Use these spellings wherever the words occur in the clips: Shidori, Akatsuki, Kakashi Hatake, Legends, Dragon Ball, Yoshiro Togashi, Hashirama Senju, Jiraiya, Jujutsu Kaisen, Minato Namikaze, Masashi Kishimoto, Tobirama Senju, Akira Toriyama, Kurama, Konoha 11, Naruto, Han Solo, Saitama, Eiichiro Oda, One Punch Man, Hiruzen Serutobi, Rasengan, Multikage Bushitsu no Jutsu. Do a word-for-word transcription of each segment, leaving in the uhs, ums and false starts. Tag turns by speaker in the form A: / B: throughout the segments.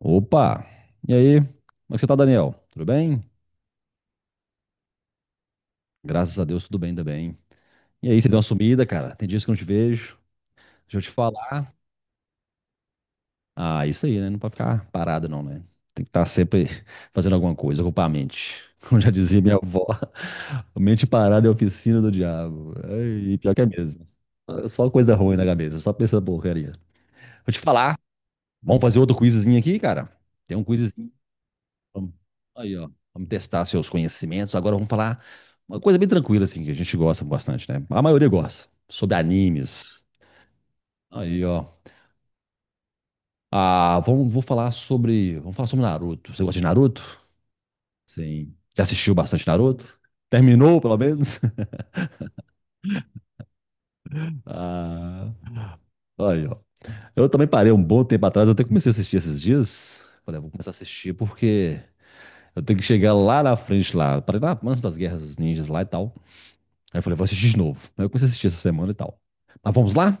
A: Opa! E aí? Como é que você tá, Daniel? Tudo bem? Graças a Deus, tudo bem também. E aí, você deu uma sumida, cara? Tem dias que eu não te vejo. Deixa eu te falar. Ah, isso aí, né? Não pode ficar parado, não, né? Tem que estar sempre fazendo alguma coisa, ocupar a mente. Como já dizia minha avó, mente parada é a oficina do diabo. Ai, e pior que é mesmo. Só coisa ruim na cabeça, só pensa porcaria. Vou te falar. Vamos fazer outro quizinho aqui, cara? Tem um quiz. Vamos- Aí, ó. Vamos testar seus conhecimentos. Agora vamos falar uma coisa bem tranquila, assim, que a gente gosta bastante, né? A maioria gosta. Sobre animes. Aí, ó. Ah, vamos, vou falar sobre. Vamos falar sobre Naruto. Você gosta de Naruto? Sim. Já assistiu bastante Naruto? Terminou, pelo menos? Ah, aí, ó. Eu também parei um bom tempo atrás, eu até comecei a assistir esses dias. Falei, "Ah, vou começar a assistir porque eu tenho que chegar lá na frente, lá. Parei lá antes das guerras ninjas lá e tal. Aí eu falei, vou assistir de novo. Aí eu comecei a assistir essa semana e tal. Mas vamos lá?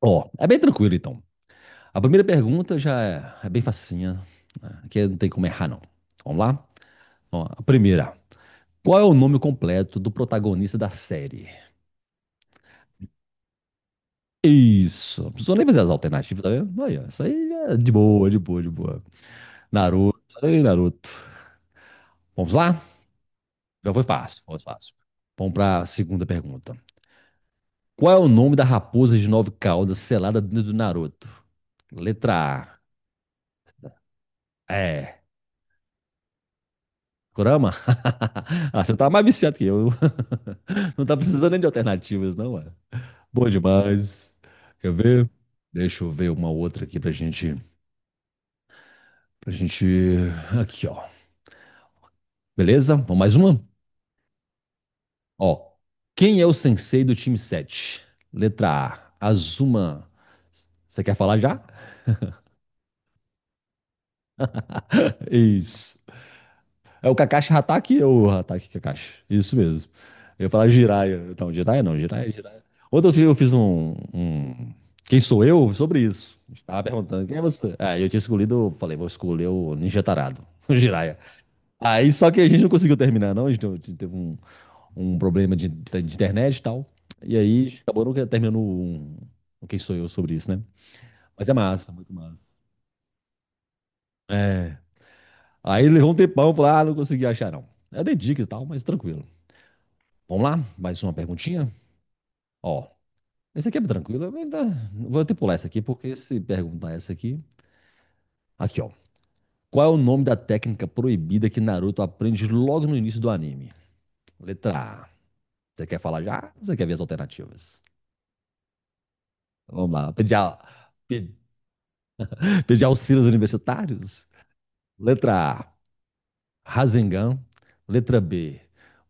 A: Ó, é bem tranquilo então. A primeira pergunta já é, é bem facinha, né? Aqui não tem como errar, não. Vamos lá? Ó, a primeira. Qual é o nome completo do protagonista da série? Isso. Não precisou nem fazer as alternativas, tá vendo? Aí, ó, isso aí é de boa, de boa, de boa. Naruto. Aí, Naruto. Vamos lá? Já foi fácil, foi fácil. Vamos para a segunda pergunta. Qual é o nome da raposa de nove caudas selada dentro do Naruto? Letra A. É. Kurama? Ah, você tá mais viciado que eu. Não tá precisando nem de alternativas, não, é? Bom demais. Quer ver? Deixa eu ver uma outra aqui pra gente. Pra gente. Aqui, ó. Beleza? Vamos mais uma? Ó. Quem é o sensei do time sete? Letra A, Azuma. Você quer falar já? Isso. É o Kakashi Hatake ou o Hatake Kakashi? Isso mesmo. Eu ia falar Jiraiya. Não, Jiraiya não, Jiraiya, Jiraiya. Ontem eu fi- eu fiz um, um Quem sou eu? Sobre isso. Estava perguntando, quem é você? Ah, eu tinha escolhido, eu falei, vou escolher o Ninja Tarado, o Jiraiya. Aí só que a gente não conseguiu terminar, não. A gente teve teve um, um problema de, de internet e tal. E aí acabou nunca terminando um, um Quem sou eu sobre isso, né? Mas é massa, muito massa. É. Aí levou um tempão, eu falei, ah, não consegui achar, não. É de dicas e tal, mas tranquilo. Vamos lá? Mais uma perguntinha? Ó, esse aqui é tranquilo. eu ainda- Vou até pular essa aqui, porque se perguntar essa aqui. Aqui, ó. Qual é o nome da técnica proibida que Naruto aprende logo no início do anime? Letra A. Você quer falar já? Você quer ver as alternativas? Então, vamos lá. Pedir, a... Pedir auxílios universitários? Letra A. Rasengan. Letra B.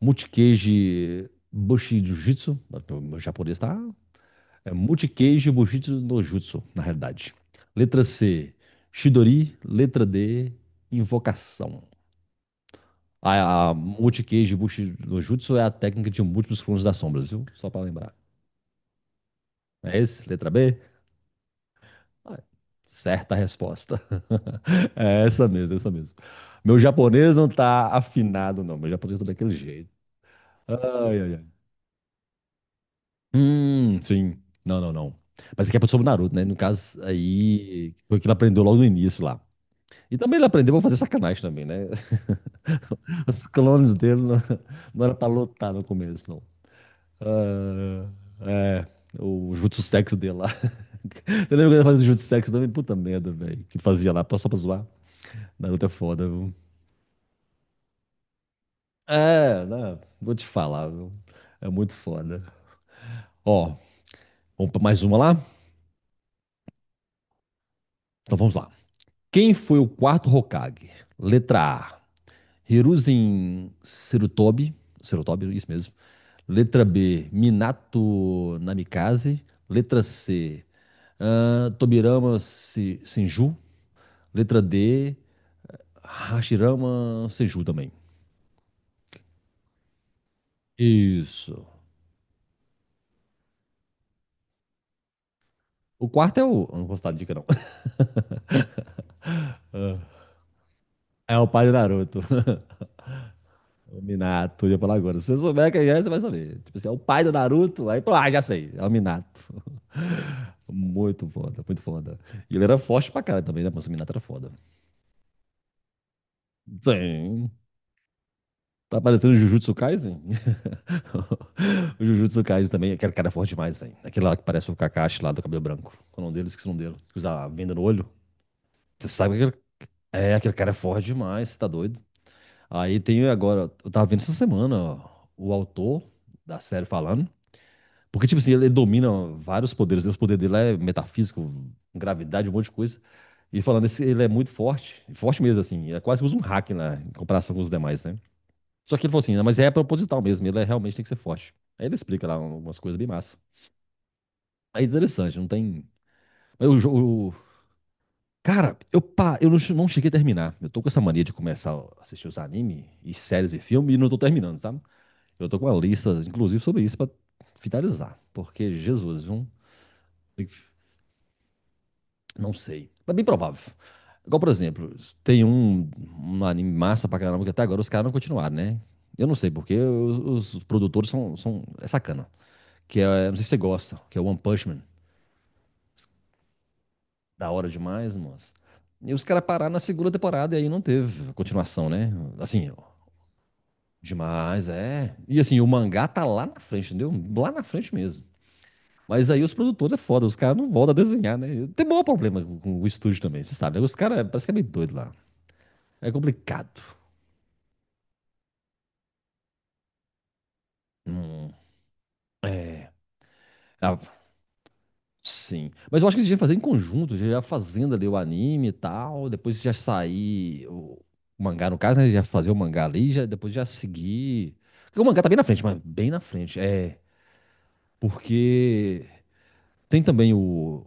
A: Multikage Bushi Jujutsu. Meu japonês tá. É Multicage Bushitsu no Jutsu, na realidade. Letra C, Shidori. Letra D, Invocação. A, a Multicage Bushitsu no Jutsu é a técnica de múltiplos clones das sombras, viu? Só pra lembrar. É esse? Letra B? Ah, certa resposta. É essa mesmo, é essa mesmo. Meu japonês não tá afinado, não. Meu japonês tá daquele jeito. Ai, ai, ai. Hum, sim. Não, não, não. Mas aqui é sobre o Naruto, né? No caso, aí foi o que ele aprendeu logo no início lá. E também ele aprendeu a fazer sacanagem também, né? Os clones dele não, não era pra lutar no começo, não. Ah, é, o Jutsu Sex dele lá. Você lembra quando ele fazia o Jutsu Sex também? Puta merda, velho. Que fazia lá só pra zoar. Naruto é foda, viu? É, né? Vou te falar, viu? É muito foda. Ó, vamos pra mais uma lá? Então vamos lá. Quem foi o quarto Hokage? Letra A, Hiruzen Serutobi, Serutobi, isso mesmo. Letra B, Minato Namikaze. Letra C, ah, Tobirama Se- Senju. Letra D, Hashirama Senju também. Isso. O quarto é o. Eu não vou dar dica, não. É o pai do Naruto. O Minato, eu ia falar agora. Se você souber quem é, você vai saber. Tipo assim, é o pai do Naruto. Aí, pô, ah, já sei. É o Minato. Muito foda, muito foda. E ele era forte pra caralho também, né? Mas o Minato era foda. Sim. Tá parecendo o Jujutsu Kaisen? O Jujutsu Kaisen também. Aquele cara é forte demais, velho. Aquele lá que parece o Kakashi lá do cabelo branco. Qual é o nome dele? Esqueci o nome dele. Que usa a venda no olho. Você sabe que aquele. É, aquele cara é forte demais. Você tá doido? Aí tem agora. Eu tava vendo essa semana, ó, o autor da série falando. Porque, tipo assim, ele domina vários poderes, né? Os poderes dele lá é metafísico, gravidade, um monte de coisa. E falando, esse, ele é muito forte, forte mesmo, assim. É quase que usa um hack lá, em comparação com os demais, né? Só que ele falou assim, "Não, mas é proposital mesmo, ele é- realmente tem que ser forte. Aí ele explica lá umas coisas bem massa. É interessante, não tem. Mas o jogo. Cara, eu, pa, eu não, che- não cheguei a terminar. Eu tô com essa mania de começar a assistir os anime e séries e filmes e não tô terminando, sabe? Eu tô com uma lista, inclusive, sobre isso pra finalizar. Porque, Jesus, viu? Não sei. Mas bem provável. Igual, por exemplo, tem um, um, anime massa pra caramba que até agora os caras não continuaram, né? Eu não sei, porque os, os produtores são, são. É sacana. Que é, não sei se você gosta, que é One Punch Man. Da hora demais, moço. E os caras pararam na segunda temporada e aí não teve continuação, né? Assim, ó, demais, é. E assim, o mangá tá lá na frente, entendeu? Lá na frente mesmo. Mas aí os produtores é foda, os caras não voltam a desenhar, né? Tem maior problema com o estúdio também, você sabe, né? Os caras parece que é meio doido lá. É complicado. Hum, é. Ah, sim. Mas eu acho que eles deviam fazer em conjunto, já fazendo ali o anime e tal, depois já sair o o mangá, no caso, né? Já fazer o mangá ali, já, depois já seguir. Porque o mangá tá bem na frente, mas bem na frente. É. Porque tem também o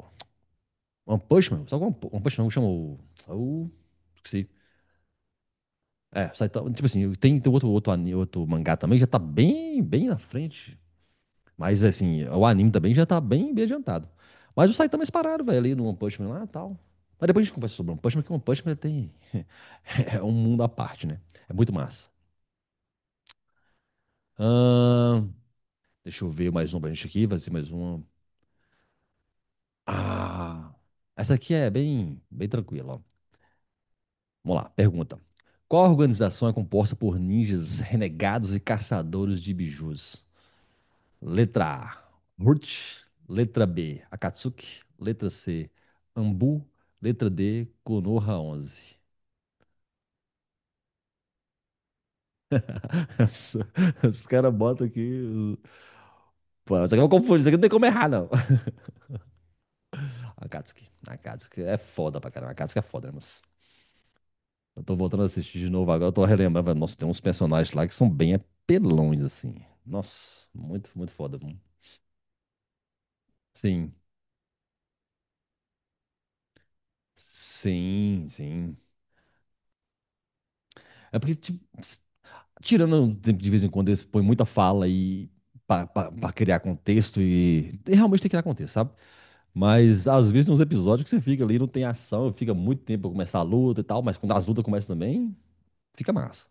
A: One Punch Man, sabe o One Pu- One Punch Man, como chama o, é o, esqueci. É, Saitama, tipo assim, tem, tem outro, outro, ani- outro mangá também, que já tá bem, bem na frente. Mas assim, o anime também já tá bem, bem adiantado. Mas o Saitama eles pararam, velho, ali no One Punch Man lá e tal. Mas depois a gente conversa sobre o One Punch Man, que o One Punch Man tem. É um mundo à parte, né? É muito massa. Ahn, Deixa eu ver mais um pra gente aqui, vai ser mais uma. Ah! Essa aqui é bem, bem tranquila, ó. Vamos lá, pergunta. Qual organização é composta por ninjas renegados e caçadores de bijus? Letra A, Murt. Letra B, Akatsuki. Letra C, Ambu. Letra D, Konoha onze. Os, os caras botam aqui. o- Pô, isso aqui eu confundi, isso aqui não tem como errar, não. Akatsuki. Akatsuki é foda pra caramba. Akatsuki é foda, né, moço? Eu tô voltando a assistir de novo agora, eu tô relembrando, velho. Nossa, tem uns personagens lá que são bem apelões, assim. Nossa, muito, muito foda. Sim, sim, sim. É porque, tipo, tirando de vez em quando, eles põem muita fala e para criar contexto e, e realmente tem que criar contexto, sabe? Mas às vezes tem uns episódios que você fica ali, não tem ação, fica muito tempo pra começar a luta e tal, mas quando as lutas começam também, fica massa.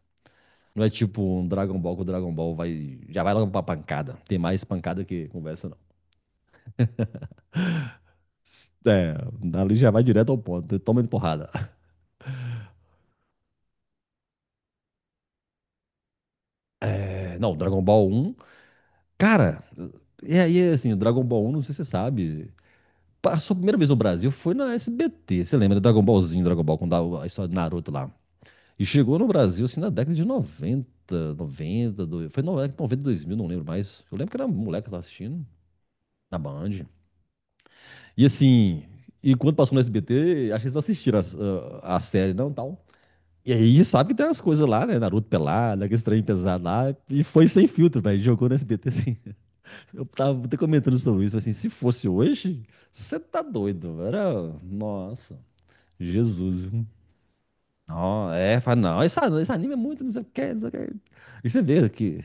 A: Não é tipo um Dragon Ball que o Dragon Ball vai, já vai logo pra pancada. Tem mais pancada que conversa, não. É, dali já vai direto ao ponto, toma de porrada. É, não, Dragon Ball um cara, e aí assim, Dragon Ball um não sei se você sabe. Passou a primeira vez no Brasil, foi na S B T. Você lembra do Dragon Ballzinho, Dragon Ball, com da- a história do Naruto lá. E chegou no Brasil, assim, na década de noventa noventa do- foi no- noventa dois mil, não lembro mais. Eu lembro que era moleque lá assistindo, na Band. E assim, e quando passou no S B T, acho que eles não assistiram as- a, a série, não, tal. E aí, sabe que tem umas coisas lá, né? Naruto pelado, aquele trem pesado lá. E foi sem filtro, velho. Jogou no S B T, assim. Eu tava até comentando sobre isso, assim, se fosse hoje, você tá doido, velho. Era... nossa... Jesus, viu? Não, é, fala, não, esse, an- esse anime é muito, não sei o que, não sei o que. E você vê que.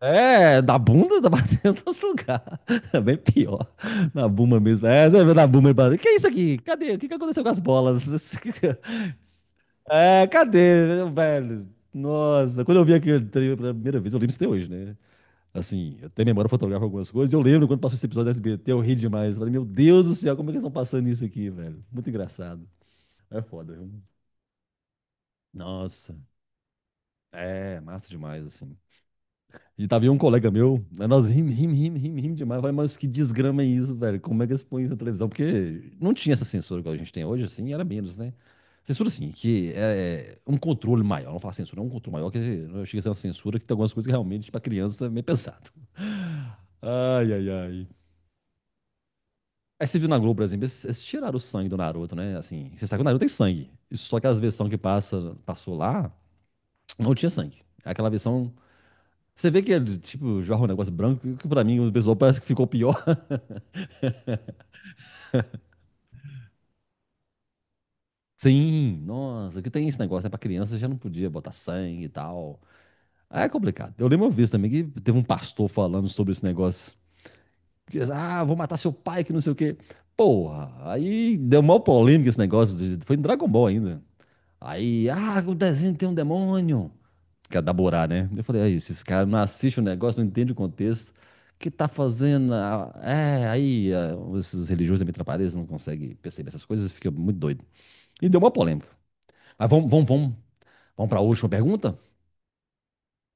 A: É, da bunda tá batendo nos lugares. É bem pior. Na buma mesmo. É, você vê na buma e bate. Que é isso aqui? Cadê? O que que aconteceu com as bolas? É, cadê, velho? Nossa, quando eu vi aquele trailer pela primeira vez, eu lembro isso até hoje, né? Assim, eu tenho memória fotográfica algumas coisas. Eu lembro quando passou esse episódio da S B T, eu ri demais. Eu falei, meu Deus do céu, como é que eles estão passando isso aqui, velho? Muito engraçado. É foda, viu? Nossa, é massa demais, assim. E tava aí um colega meu, né, nós rim, rim, rim, rim, rim demais. Eu falei, mas que desgrama é isso, velho? Como é que eles põem isso na televisão? Porque não tinha essa censura que a gente tem hoje, assim, era menos, né? Censura, assim, que é é um controle maior. Não falar censura, é um controle maior, que chega a ser uma censura, que tem algumas coisas que, realmente, pra criança, é meio pesado. Ai, ai, ai. Aí você viu na Globo, por exemplo, eles, eles tiraram o sangue do Naruto, né? Assim, você sabe que o Naruto tem sangue. Só que as versões que passa, passou lá, não tinha sangue. Aquela versão... Você vê que ele, tipo, joga um negócio branco, que pra mim o pessoal parece que ficou pior. Sim, nossa, que tem esse negócio, né? Pra criança já não podia botar sangue e tal. Aí é complicado. Eu lembro uma vez também que teve um pastor falando sobre esse negócio. Que, ah, vou matar seu pai, que não sei o quê. Porra, aí deu maior polêmica esse negócio. de- Foi em Dragon Ball ainda. Aí, ah, o desenho tem um demônio, que é da Borá, né? Eu falei, aí, esses caras não assistem o negócio, não entendem o contexto. O que tá fazendo? Ah, é, aí, ah, esses religiosos da Mitrapariz não conseguem perceber essas coisas, fica muito doido. E deu uma polêmica. Mas vamos, vamos, vamos, vamos para a última pergunta?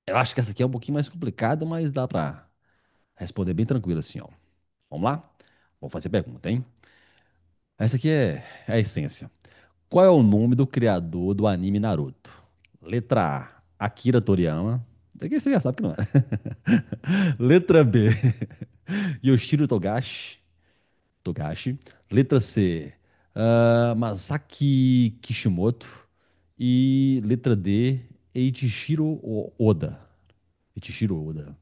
A: Eu acho que essa aqui é um pouquinho mais complicada, mas dá para responder bem tranquilo assim, ó. Vamos lá? Vou fazer a pergunta, hein? Essa aqui é, é a essência. Qual é o nome do criador do anime Naruto? Letra A, Akira Toriyama. Daqui você já sabe que não é. Letra B, Yoshiro Togashi, Togashi. Letra C, ah, Masaki Kishimoto. E letra D, Eiichiro Oda. Eiichiro Oda.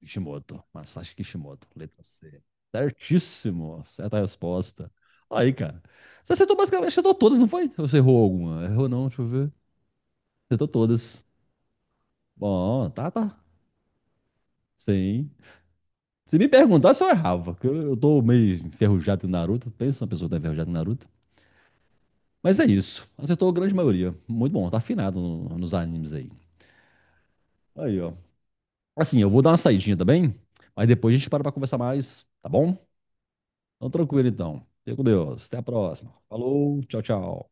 A: Kishimoto. Masashi Kishimoto. Letra C. Certíssimo. Certa resposta. Aí, cara. Você acertou basicamente, acertou todas, não foi? Ou você errou alguma? Errou não, deixa eu ver. Acertou todas. Bom, tá, tá. Sim. Se me perguntasse, eu errava. Porque eu eu tô meio enferrujado em Naruto. Pensa uma pessoa que tá enferrujada em Naruto. Mas é isso. Acertou a grande maioria. Muito bom, tá afinado no- nos animes aí. Aí, ó. Assim, eu vou dar uma saidinha também, mas depois a gente para pra conversar mais, tá bom? Então, tranquilo então. Fica com Deus. Até a próxima. Falou, tchau, tchau.